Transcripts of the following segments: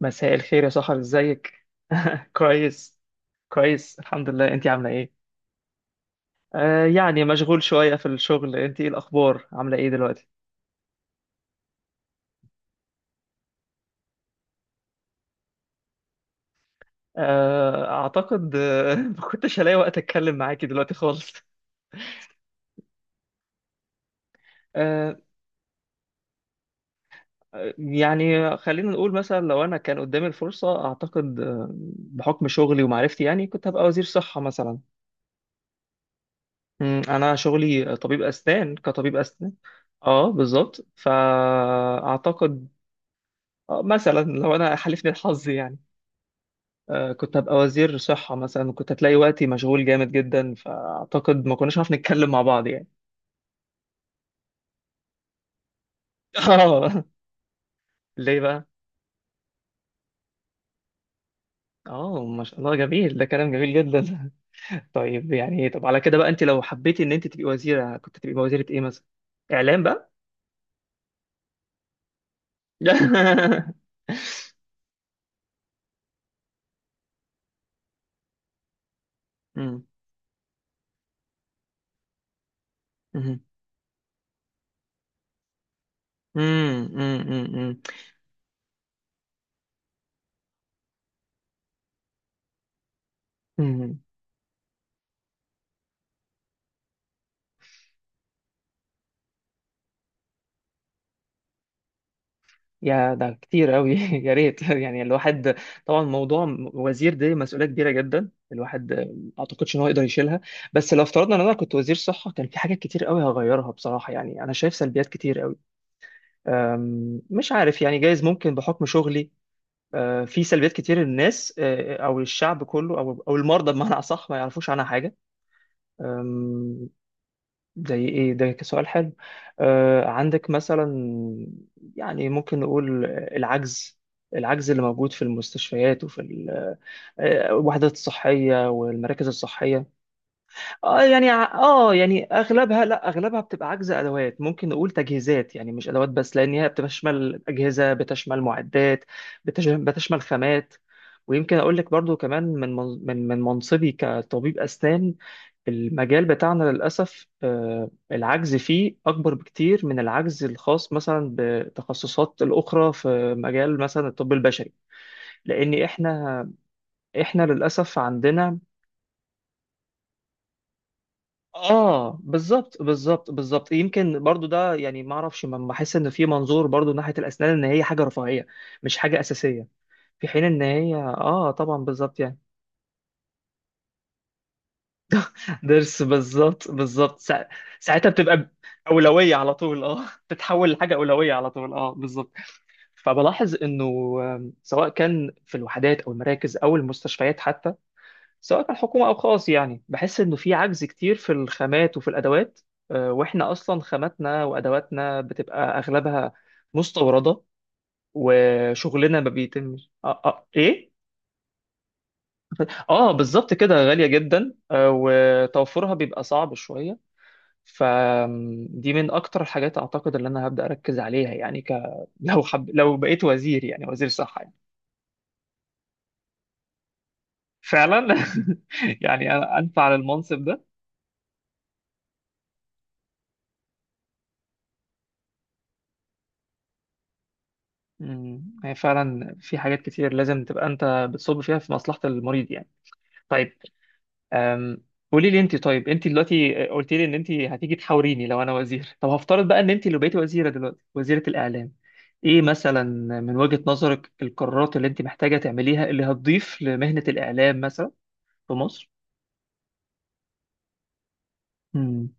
مساء الخير يا سحر، ازيك؟ كويس، كويس الحمد لله. انتي عامله ايه؟ مشغول شويه في الشغل. انتي ايه الاخبار، عامله ايه دلوقتي؟ آه اعتقد ما كنتش هلاقي وقت اتكلم معاكي دلوقتي خالص. آه خلينا نقول مثلا لو انا كان قدامي الفرصه اعتقد بحكم شغلي ومعرفتي يعني كنت هبقى وزير صحه مثلا. انا شغلي طبيب اسنان، كطبيب اسنان. اه بالظبط، فاعتقد مثلا لو انا حالفني الحظ يعني كنت هبقى وزير صحة مثلا، وكنت هتلاقي وقتي مشغول جامد جدا، فأعتقد ما كناش هنعرف نتكلم مع بعض يعني. اه. ليه بقى؟ اه ما شاء الله، جميل، ده كلام جميل جدا. طيب يعني ايه، طب على كده بقى انت لو حبيتي ان انت تبقي وزيرة كنت تبقي وزيرة ايه مثلا؟ اعلام بقى؟ مم. مم. مم. مم. مم. مم. يا ده كتير قوي. يا ريت يعني الواحد، طبعا موضوع وزير دي مسؤولية كبيرة جدا، الواحد ما اعتقدش ان هو يقدر يشيلها. بس لو افترضنا ان انا كنت وزير صحة كان في حاجات كتير قوي هغيرها بصراحة، يعني انا شايف سلبيات كتير قوي. مش عارف يعني، جايز ممكن بحكم شغلي في سلبيات كتير الناس او الشعب كله او المرضى بمعنى اصح ما يعرفوش عنها حاجة. زي ايه ده، كسؤال حلو. آه عندك مثلا، يعني ممكن نقول العجز، العجز اللي موجود في المستشفيات وفي الوحدات الصحية والمراكز الصحية. اه يعني اغلبها، لا اغلبها بتبقى عجز ادوات. ممكن نقول تجهيزات يعني مش ادوات بس، لان هي بتشمل اجهزة، بتشمل معدات، بتشمل خامات. ويمكن اقول لك برضو كمان من منصبي كطبيب اسنان، المجال بتاعنا للأسف العجز فيه أكبر بكتير من العجز الخاص مثلا بتخصصات الأخرى في مجال مثلا الطب البشري. لأن إحنا، إحنا للأسف عندنا. آه بالظبط بالظبط. يمكن برضو ده يعني ما أعرفش، ما بحس إن في منظور برضو ناحية الأسنان إن هي حاجة رفاهية، مش حاجة أساسية. في حين إن هي آه طبعا بالظبط يعني. درس، بالظبط بالظبط، ساعتها بتبقى أولوية على طول آه، تتحول لحاجة أولوية على طول آه بالظبط. فبلاحظ انه سواء كان في الوحدات او المراكز او المستشفيات حتى، سواء كان حكومه او خاص، يعني بحس انه في عجز كتير في الخامات وفي الادوات. واحنا اصلا خاماتنا وادواتنا بتبقى اغلبها مستورده، وشغلنا ما بيتمش ايه. اه بالظبط كده، غاليه جدا. وتوفرها بيبقى صعب شويه. فدي من اكتر الحاجات اعتقد اللي انا هبدا اركز عليها، يعني لو بقيت وزير، يعني وزير صحه يعني. فعلا. يعني أنا أنت على المنصب ده. مم. هي فعلا في حاجات كتير لازم تبقى أنت بتصب فيها في مصلحة المريض يعني. طيب. أم، قولي لي أنت، طيب أنت دلوقتي قلت لي إن أنت هتيجي تحاوريني لو أنا وزير. طب هفترض بقى إن أنت اللي بقيتي وزيرة دلوقتي، وزيرة الإعلام، إيه مثلا من وجهة نظرك القرارات اللي أنت محتاجة تعمليها اللي هتضيف لمهنة الإعلام مثلا في مصر؟ مم.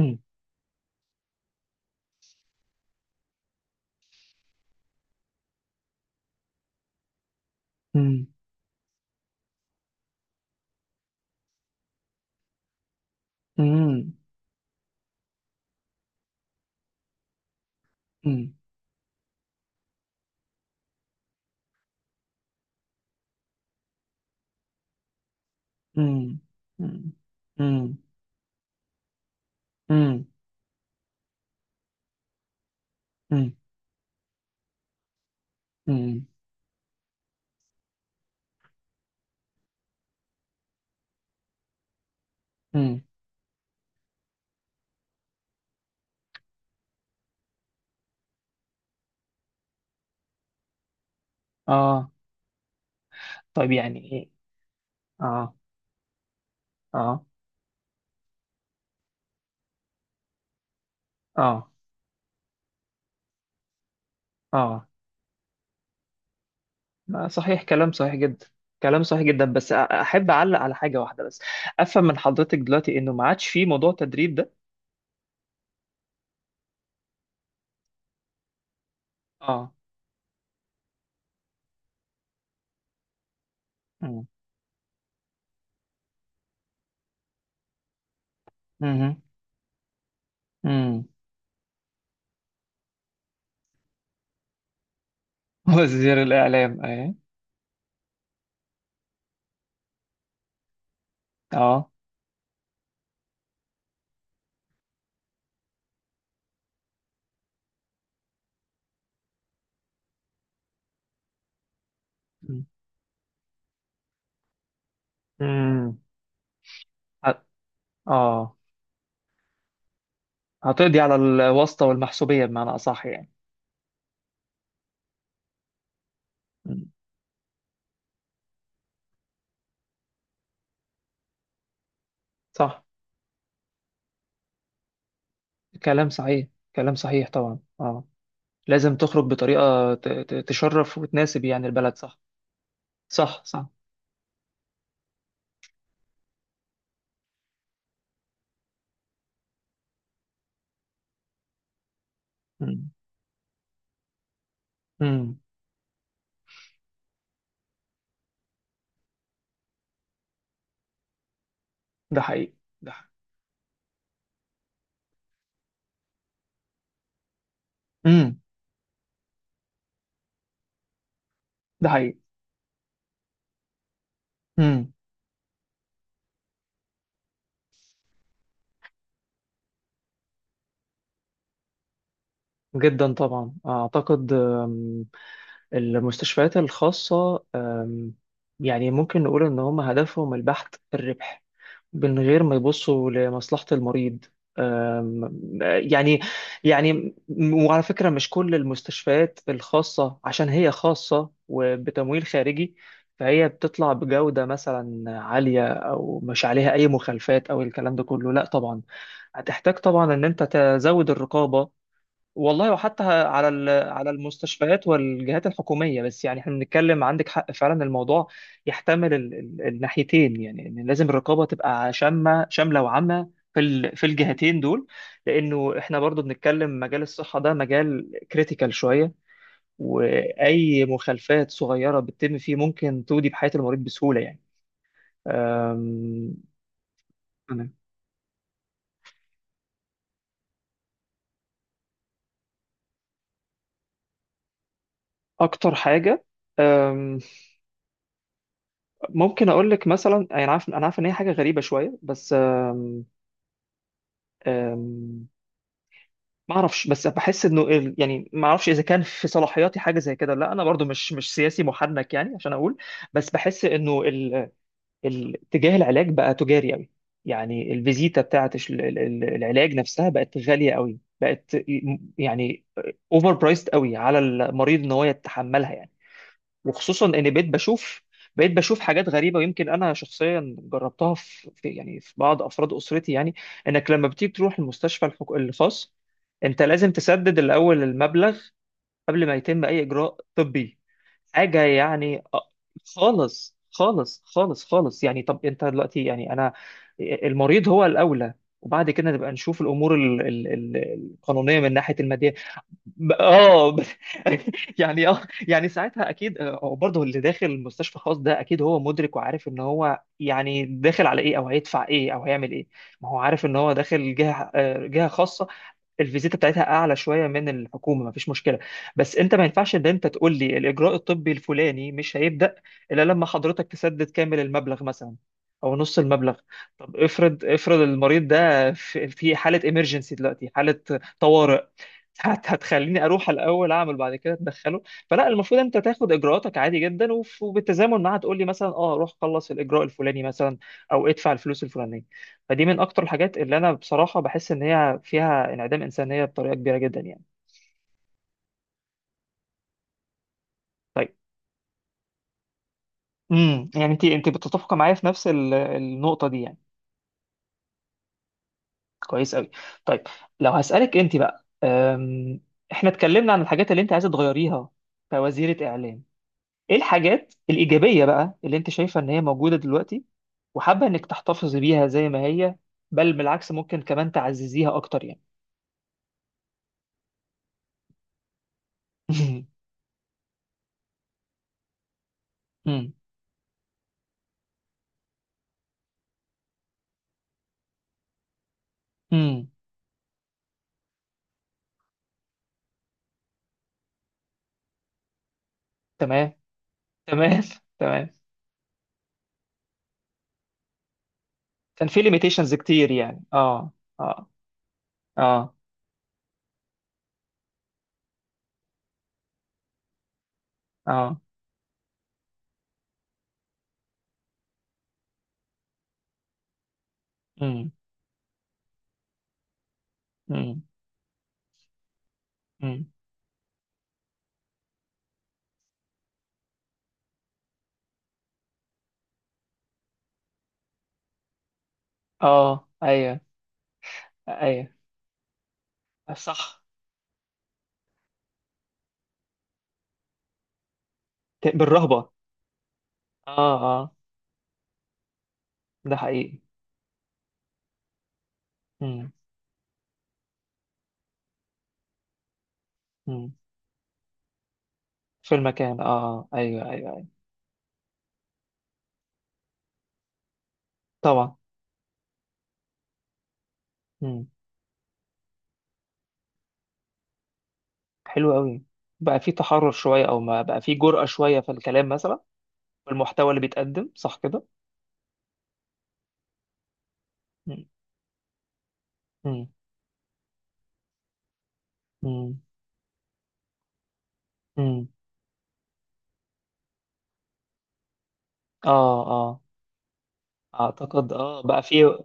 مم. مم. مم. مم. مم. مم. مم. مم. امم. امم. اه. طيب يعني ايه. اه. اه. اه. اه. ما صحيح، كلام صحيح جدا. كلام صحيح جدا، بس احب اعلق على حاجه واحده بس. افهم من حضرتك دلوقتي انه ما عادش في موضوع تدريب ده؟ اه. امم. امم. امم. وزير الاعلام ايه. اه. امم. أمم. ه- اه. هتقضي على الواسطه والمحسوبيه بمعنى اصح يعني. أمم. صح. كلام صحيح. كلام صحيح طبعا. اه، لازم تخرج بطريقة تشرف وتناسب يعني البلد، صح. صح، صح. مم. مم. ده حقيقي. ده حقيقي. مم. ده حقيقي. مم. جدا طبعا، أعتقد المستشفيات الخاصة يعني ممكن نقول إن هم هدفهم البحث في الربح من غير ما يبصوا لمصلحة المريض. يعني، يعني وعلى فكرة مش كل المستشفيات الخاصة عشان هي خاصة وبتمويل خارجي فهي بتطلع بجودة مثلا عالية، أو مش عليها أي مخالفات أو الكلام ده كله، لا طبعا. هتحتاج طبعا إن أنت تزود الرقابة والله، وحتى على على المستشفيات والجهات الحكوميه. بس يعني احنا بنتكلم، عندك حق فعلا الموضوع يحتمل الناحيتين، يعني إن لازم الرقابه تبقى شامله وعامه في في الجهتين دول. لانه احنا برضو بنتكلم مجال الصحه، ده مجال كريتيكال شويه، واي مخالفات صغيره بتتم فيه ممكن تودي بحياه المريض بسهوله يعني. أم، أنا اكتر حاجه أم، ممكن اقول لك مثلا، انا عارف، انا عارف ان هي حاجه غريبه شويه بس أم، ما اعرفش، بس بحس انه يعني ما اعرفش اذا كان في صلاحياتي حاجه زي كده، لا انا برضو مش سياسي محنك يعني عشان اقول. بس بحس انه اتجاه العلاج بقى تجاري قوي، يعني الفيزيتا بتاعت العلاج نفسها بقت غاليه قوي، بقت يعني اوفر برايسد قوي على المريض ان هو يتحملها يعني. وخصوصا ان بقيت بشوف، بقيت بشوف حاجات غريبه، ويمكن انا شخصيا جربتها يعني في بعض افراد اسرتي يعني. انك لما بتيجي تروح المستشفى الخاص، انت لازم تسدد الاول المبلغ قبل ما يتم اي اجراء طبي. حاجه يعني خالص خالص يعني. طب انت دلوقتي يعني انا، المريض هو الاولى، وبعد كده نبقى نشوف الامور القانونيه من ناحيه الماديه. ب- اه ب- يعني اه. يعني ساعتها اكيد هو برضه اللي داخل مستشفى خاص ده اكيد هو مدرك وعارف ان هو يعني داخل على ايه او هيدفع ايه او هيعمل ايه. ما هو عارف ان هو داخل جهه جهه خاصه، الفيزيتا بتاعتها اعلى شويه من الحكومه، ما فيش مشكله. بس انت ما ينفعش ان انت تقول لي الاجراء الطبي الفلاني مش هيبدا الا لما حضرتك تسدد كامل المبلغ مثلا او نص المبلغ. طب افرض، افرض المريض ده في في حاله ايمرجنسي دلوقتي، حاله طوارئ، هتخليني اروح الاول اعمل بعد كده تدخله؟ فلا، المفروض انت تاخد اجراءاتك عادي جدا، وبالتزامن معاها تقول لي مثلا اه روح خلص الاجراء الفلاني مثلا او ادفع الفلوس الفلانيه. فدي من اكتر الحاجات اللي انا بصراحه بحس ان هي فيها انعدام انسانيه بطريقه كبيره جدا يعني. طيب. امم، يعني انت، انت بتتفق معايا في نفس النقطه دي يعني. كويس قوي. طيب. لو هسالك انت بقى، احنا اتكلمنا عن الحاجات اللي انت عايزه تغيريها كوزيره اعلام، ايه الحاجات الايجابيه بقى اللي انت شايفه ان هي موجوده دلوقتي وحابه انك تحتفظي بيها زي ما هي، بل بالعكس ممكن كمان تعززيها اكتر يعني. مم. مم. تمام. تمام. تمام. كان في ليميتيشنز كتير يعني، اه. اه. اه. اه. مم. مم. مم. اه ايوه ايوه. صح. بالرهبه. اه. اه. ده حقيقي. مم. مم. في المكان اه آه. ايوه ايوه ايوه. طبعا. حلو قوي. بقى في تحرر شويه، او ما بقى في جرأة شويه في الكلام مثلا والمحتوى اللي بيتقدم، صح كده. مم. مم. مم. مم. اه. اه. اعتقد اه بقى في،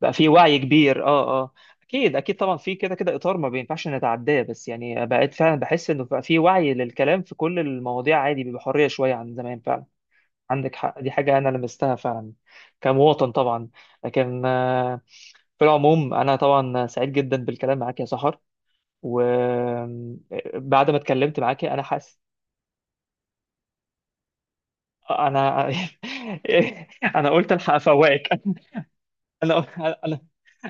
بقى في وعي كبير اه اه. اكيد اكيد طبعا، في كده كده اطار ما بينفعش نتعداه، بس يعني بقيت فعلا بحس انه بقى في وعي للكلام في كل المواضيع عادي بحريه شويه عن زمان فعلا. عندك حق، دي حاجه انا لمستها فعلا كمواطن طبعا. لكن في العموم انا طبعا سعيد جدا بالكلام معاك يا سحر. وبعد ما اتكلمت معاكي انا حاسس، انا. انا قلت الحق افوقك. انا انا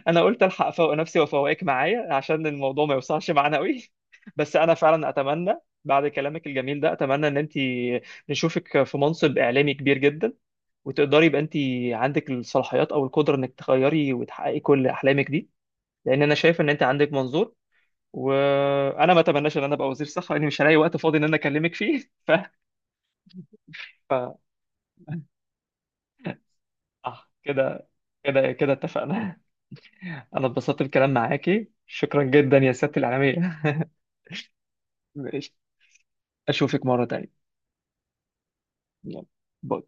انا قلت الحق افوق نفسي وافوقك معايا عشان الموضوع ما يوصلش معانا قوي. بس انا فعلا اتمنى بعد كلامك الجميل ده، اتمنى ان انت، نشوفك في منصب اعلامي كبير جدا، وتقدري يبقى انت عندك الصلاحيات او القدره انك تغيري وتحققي كل احلامك دي، لان انا شايف ان انت عندك منظور. وانا ما اتمناش ان انا ابقى وزير صحه لاني مش هلاقي وقت فاضي ان انا اكلمك فيه. ف، صح كده، كده اتفقنا. انا اتبسطت بالكلام معاكي، شكرا جدا يا سيادة الإعلامية. ماشي. اشوفك مرة تانية. يلا، باي.